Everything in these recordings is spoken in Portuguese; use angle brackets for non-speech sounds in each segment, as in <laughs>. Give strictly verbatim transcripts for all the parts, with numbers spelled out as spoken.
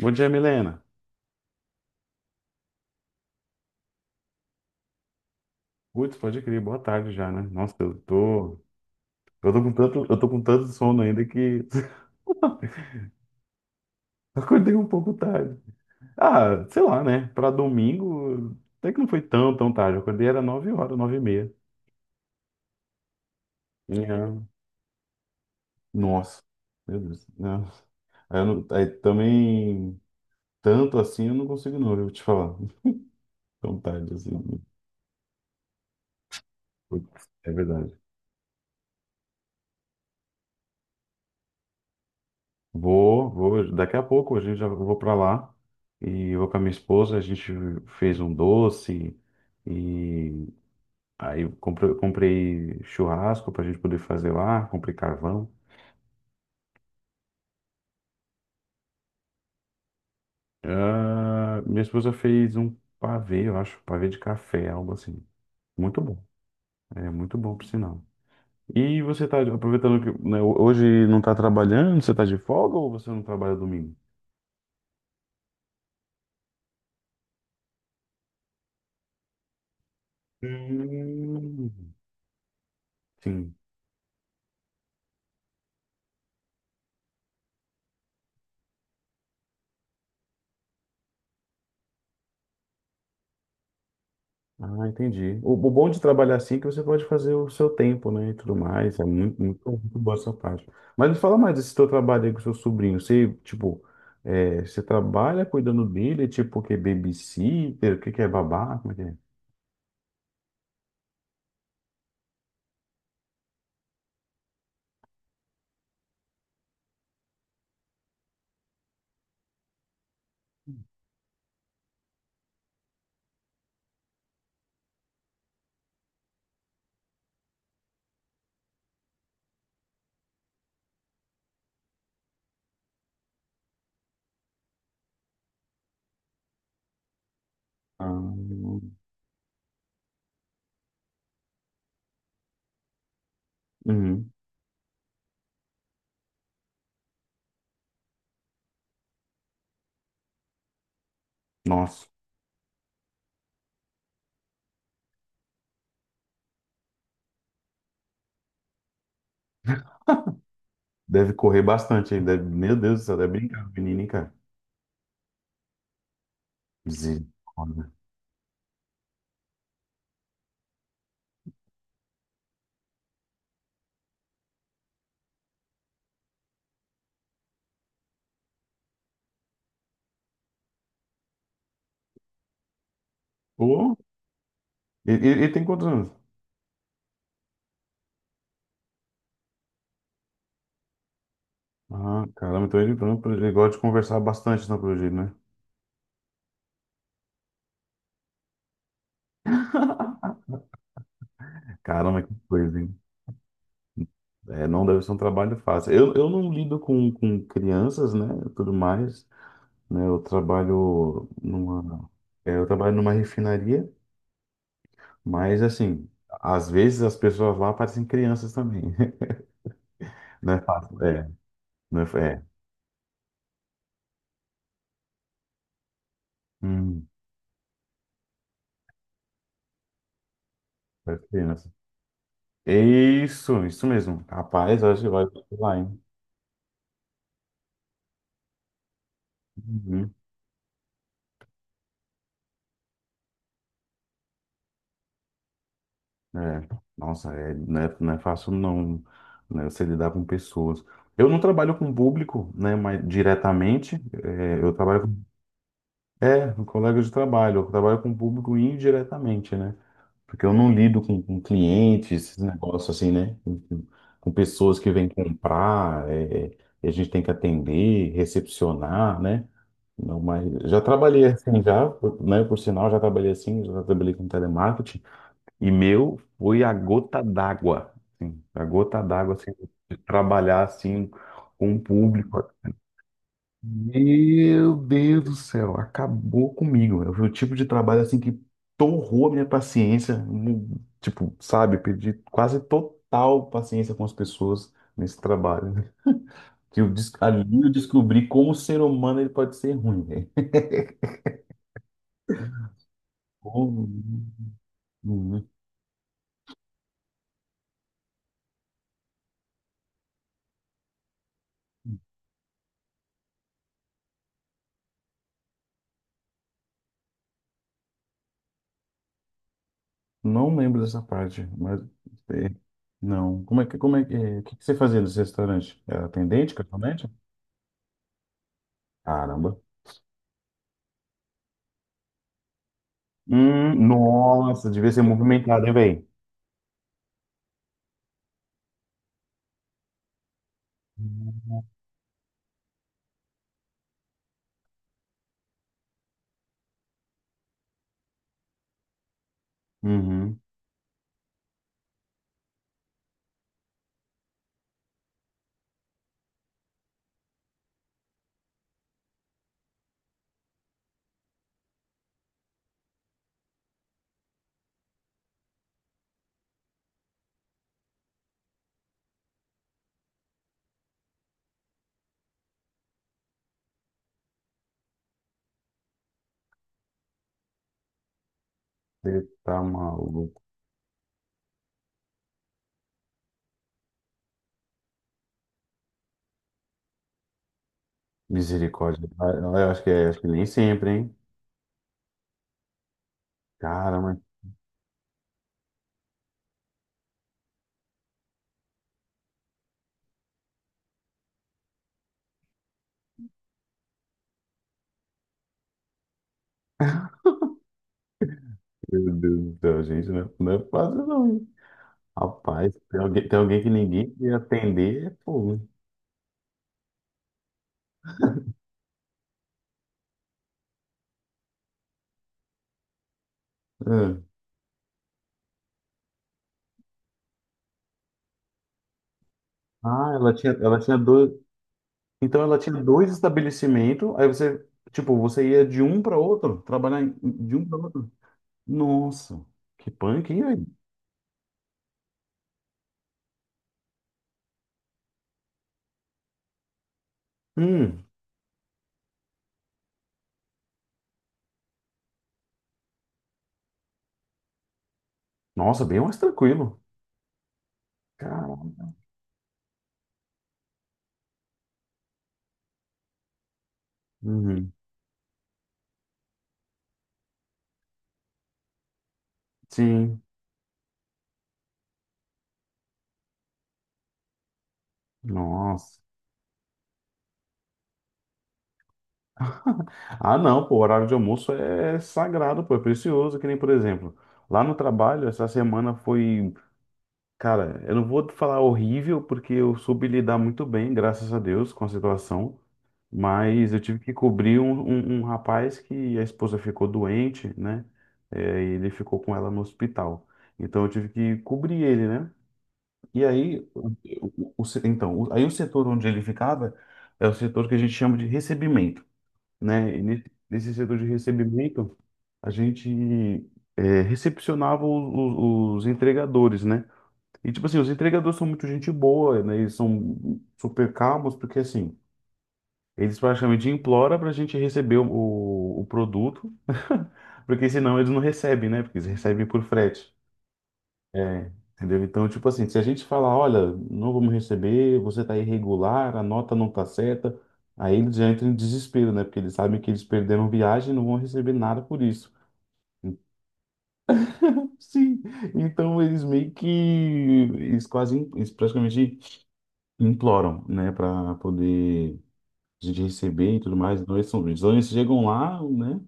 Bom dia, Milena. Putz, pode crer, boa tarde já, né? Nossa, eu tô, eu tô com tanto, eu tô com tanto sono ainda que <laughs> acordei um pouco tarde. Ah, sei lá, né? Pra domingo, até que não foi tão, tão tarde. Eu acordei era nove horas, nove e meia. E, ah, Nossa, meu Deus, né? Aí, eu não- aí também, tanto assim eu não consigo não, eu vou te falar. Tão tarde assim. Putz, é verdade. Vou, vou. Daqui a pouco a gente já eu vou para lá e vou com a minha esposa. A gente fez um doce e aí comprei, comprei churrasco para a gente poder fazer lá. Comprei carvão. Ah, minha esposa fez um pavê, eu acho, pavê de café, algo assim. Muito bom. É muito bom, por sinal. E você tá aproveitando que, né, hoje não tá trabalhando? Você tá de folga ou você não trabalha domingo? Hum, sim. Ah, entendi. O, o bom de trabalhar assim é que você pode fazer o seu tempo, né, e tudo mais. É muito, muito, muito boa essa parte. Mas me fala mais desse teu trabalho aí com o seu sobrinho. Você, tipo, é, você trabalha cuidando dele, tipo, o que é babysitter, o que que é babá, como é que é? Ah, uhum. Nossa, deve correr bastante aí. Deve, meu Deus do céu, deve brincar, menino, hein, cara. Misericórdia. Pô, e, e- e tem quantos anos? Ah, caramba, então ele, então ele gosta de conversar bastante, não, pelo jeito, né? Caramba, que coisa, hein? É, não deve ser um trabalho fácil. Eu, eu não lido com, com crianças, né, tudo mais, né, eu trabalho numa, é, eu trabalho numa refinaria, mas, assim, às vezes as pessoas lá parecem crianças também, <laughs> não é fácil, é, não é, é, hum, parece criança. Isso, isso mesmo. Rapaz, eu acho que vai lá, hein. Uhum. É, nossa, é, não é, não é fácil não, né, você lidar com pessoas. Eu não trabalho com público, né, mas diretamente, é, eu trabalho É, um colega de trabalho. Eu trabalho com o público indiretamente, né? Porque eu não lido com, com clientes, esses negócios assim, né? Com, com- com pessoas que vêm comprar, é, é, e a gente tem que atender, recepcionar, né? Não, mas já trabalhei assim, já, por- né? Por sinal, já trabalhei assim, já trabalhei com telemarketing. E meu foi a gota d'água, assim, a gota d'água, assim, de trabalhar assim com o público. Meu Deus do céu, acabou comigo. Eu fui o tipo de trabalho assim que torrou a minha paciência, mu- tipo, sabe, eu perdi quase total paciência com as pessoas nesse trabalho, né? Que eu des- ali eu descobri como o ser humano ele pode ser ruim, velho. Como- Uhum. <laughs> Não lembro dessa parte, mas é, não. Como é que como é que é, o que que você fazia nesse restaurante? Era atendente, garçomete? Caramba. Hum, nossa, devia ser movimentado, hein, velho? Uhum. Você tá maluco. Misericórdia. Ah, eu acho que é, acho que nem sempre, hein? Caramba, meu Deus do céu, gente, não é, não é fácil não, hein? Rapaz, tem alguém, tem alguém que ninguém ia atender, é fogo. Ah, Ah, ela tinha, ela tinha dois. Então ela tinha dois estabelecimentos, aí você, tipo, você ia de um para outro, trabalhar em- de um para outro. Nossa, que punk, hein, velho? Hum, nossa, bem mais tranquilo. Caramba. Uhum. Sim, nossa. Ah, não, pô, o horário de almoço é sagrado, pô, é precioso, que nem, por exemplo, lá no trabalho, essa semana foi, cara, eu não vou falar horrível, porque eu soube lidar muito bem, graças a Deus, com a situação, mas eu tive que cobrir um, um, um rapaz que a esposa ficou doente, né, é, e ele ficou com ela no hospital, então eu tive que cobrir ele, né, e aí, o, o- o- se- então, o- aí o setor onde ele ficava é o setor que a gente chama de recebimento, né? E ne- nesse setor de recebimento, a gente é, recepcionava o- o- os entregadores, né? E, tipo assim, os entregadores são muito gente boa, né? Eles são super calmos, porque, assim, eles praticamente imploram para a gente receber o, o, o produto, <laughs> porque senão eles não recebem, né? Porque eles recebem por frete. É, entendeu? Então, tipo assim, se a gente falar, olha, não vamos receber, você tá irregular, a nota não tá certa, aí eles já entram em desespero, né? Porque eles sabem que eles perderam viagem e não vão receber nada por isso. Então, <laughs> sim, então eles meio que, eles quase, eles praticamente imploram, né, para poder a gente receber e tudo mais. Então eles, são, então eles chegam lá, né,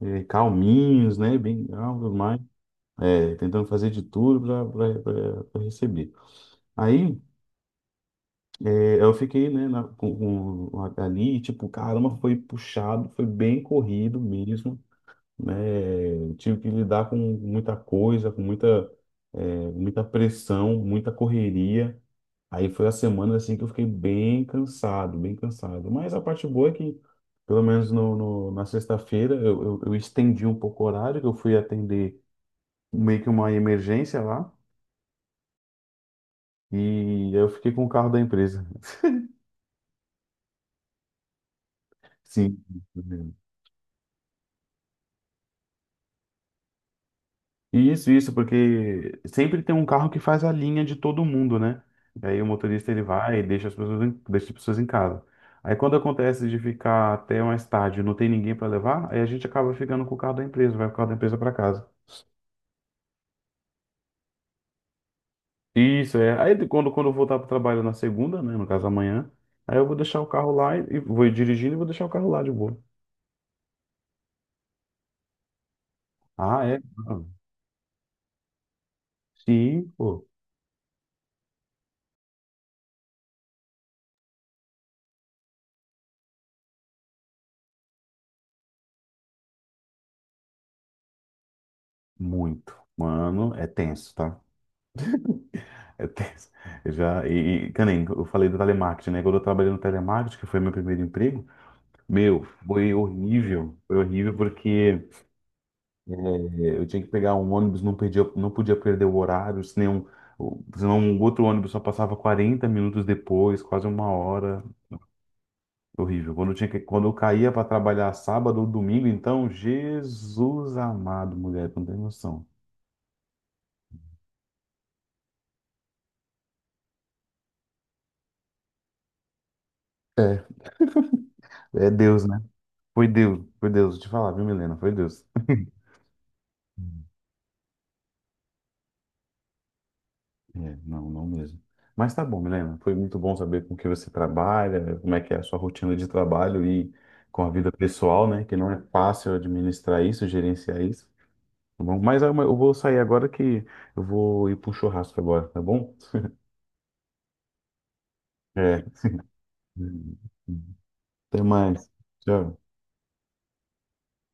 eh, calminhos, né, bem calmos, tudo mais, é, tentando fazer de tudo para receber. Aí É, Eu fiquei, né, na- com, com- ali, tipo, caramba, foi puxado, foi bem corrido mesmo, né? Tive que lidar com muita coisa, com muita, é, muita pressão, muita correria. Aí foi a semana, assim, que eu fiquei bem cansado, bem cansado. Mas a parte boa é que, pelo menos no, no- na sexta-feira, eu, eu, eu estendi um pouco o horário, que eu fui atender meio que uma emergência lá, e eu fiquei com o carro da empresa. <laughs> Sim. Isso, isso, porque sempre tem um carro que faz a linha de todo mundo, né? E aí o motorista ele vai e deixa as pessoas em, deixa as pessoas em casa. Aí quando acontece de ficar até mais tarde, e não tem ninguém para levar, aí a gente acaba ficando com o carro da empresa, vai com o carro da empresa para casa. Isso, é. Aí de- quando, quando eu voltar para o trabalho na segunda, né, no caso amanhã, aí eu vou deixar o carro lá e e vou dirigindo e vou deixar o carro lá de boa. Ah, é? Mano. Sim, pô, muito. Mano, é tenso, tá? Eu tenho- eu já, e, e, que nem eu falei do telemarketing, né? Quando eu trabalhei no telemarketing, que foi meu primeiro emprego, meu, foi horrível. Foi horrível porque eh, eu tinha que pegar um ônibus, não perdia, não podia perder o horário, senão, o- senão um outro ônibus só passava quarenta minutos depois, quase uma hora. Horrível. Quando eu tinha que, quando eu caía para trabalhar sábado ou domingo, então, Jesus amado, mulher, tu não tem noção. É, <laughs> é Deus, né? Foi Deus, foi Deus, vou te falar, viu, Milena? Foi Deus. É, não, não mesmo. Mas tá bom, Milena. Foi muito bom saber com o que você trabalha, como é que é a sua rotina de trabalho e com a vida pessoal, né? Que não é fácil administrar isso, gerenciar isso. Tá bom? Mas ah, mas eu vou sair agora que eu vou ir para um churrasco agora, tá bom? <laughs> É. Até mais. Tchau.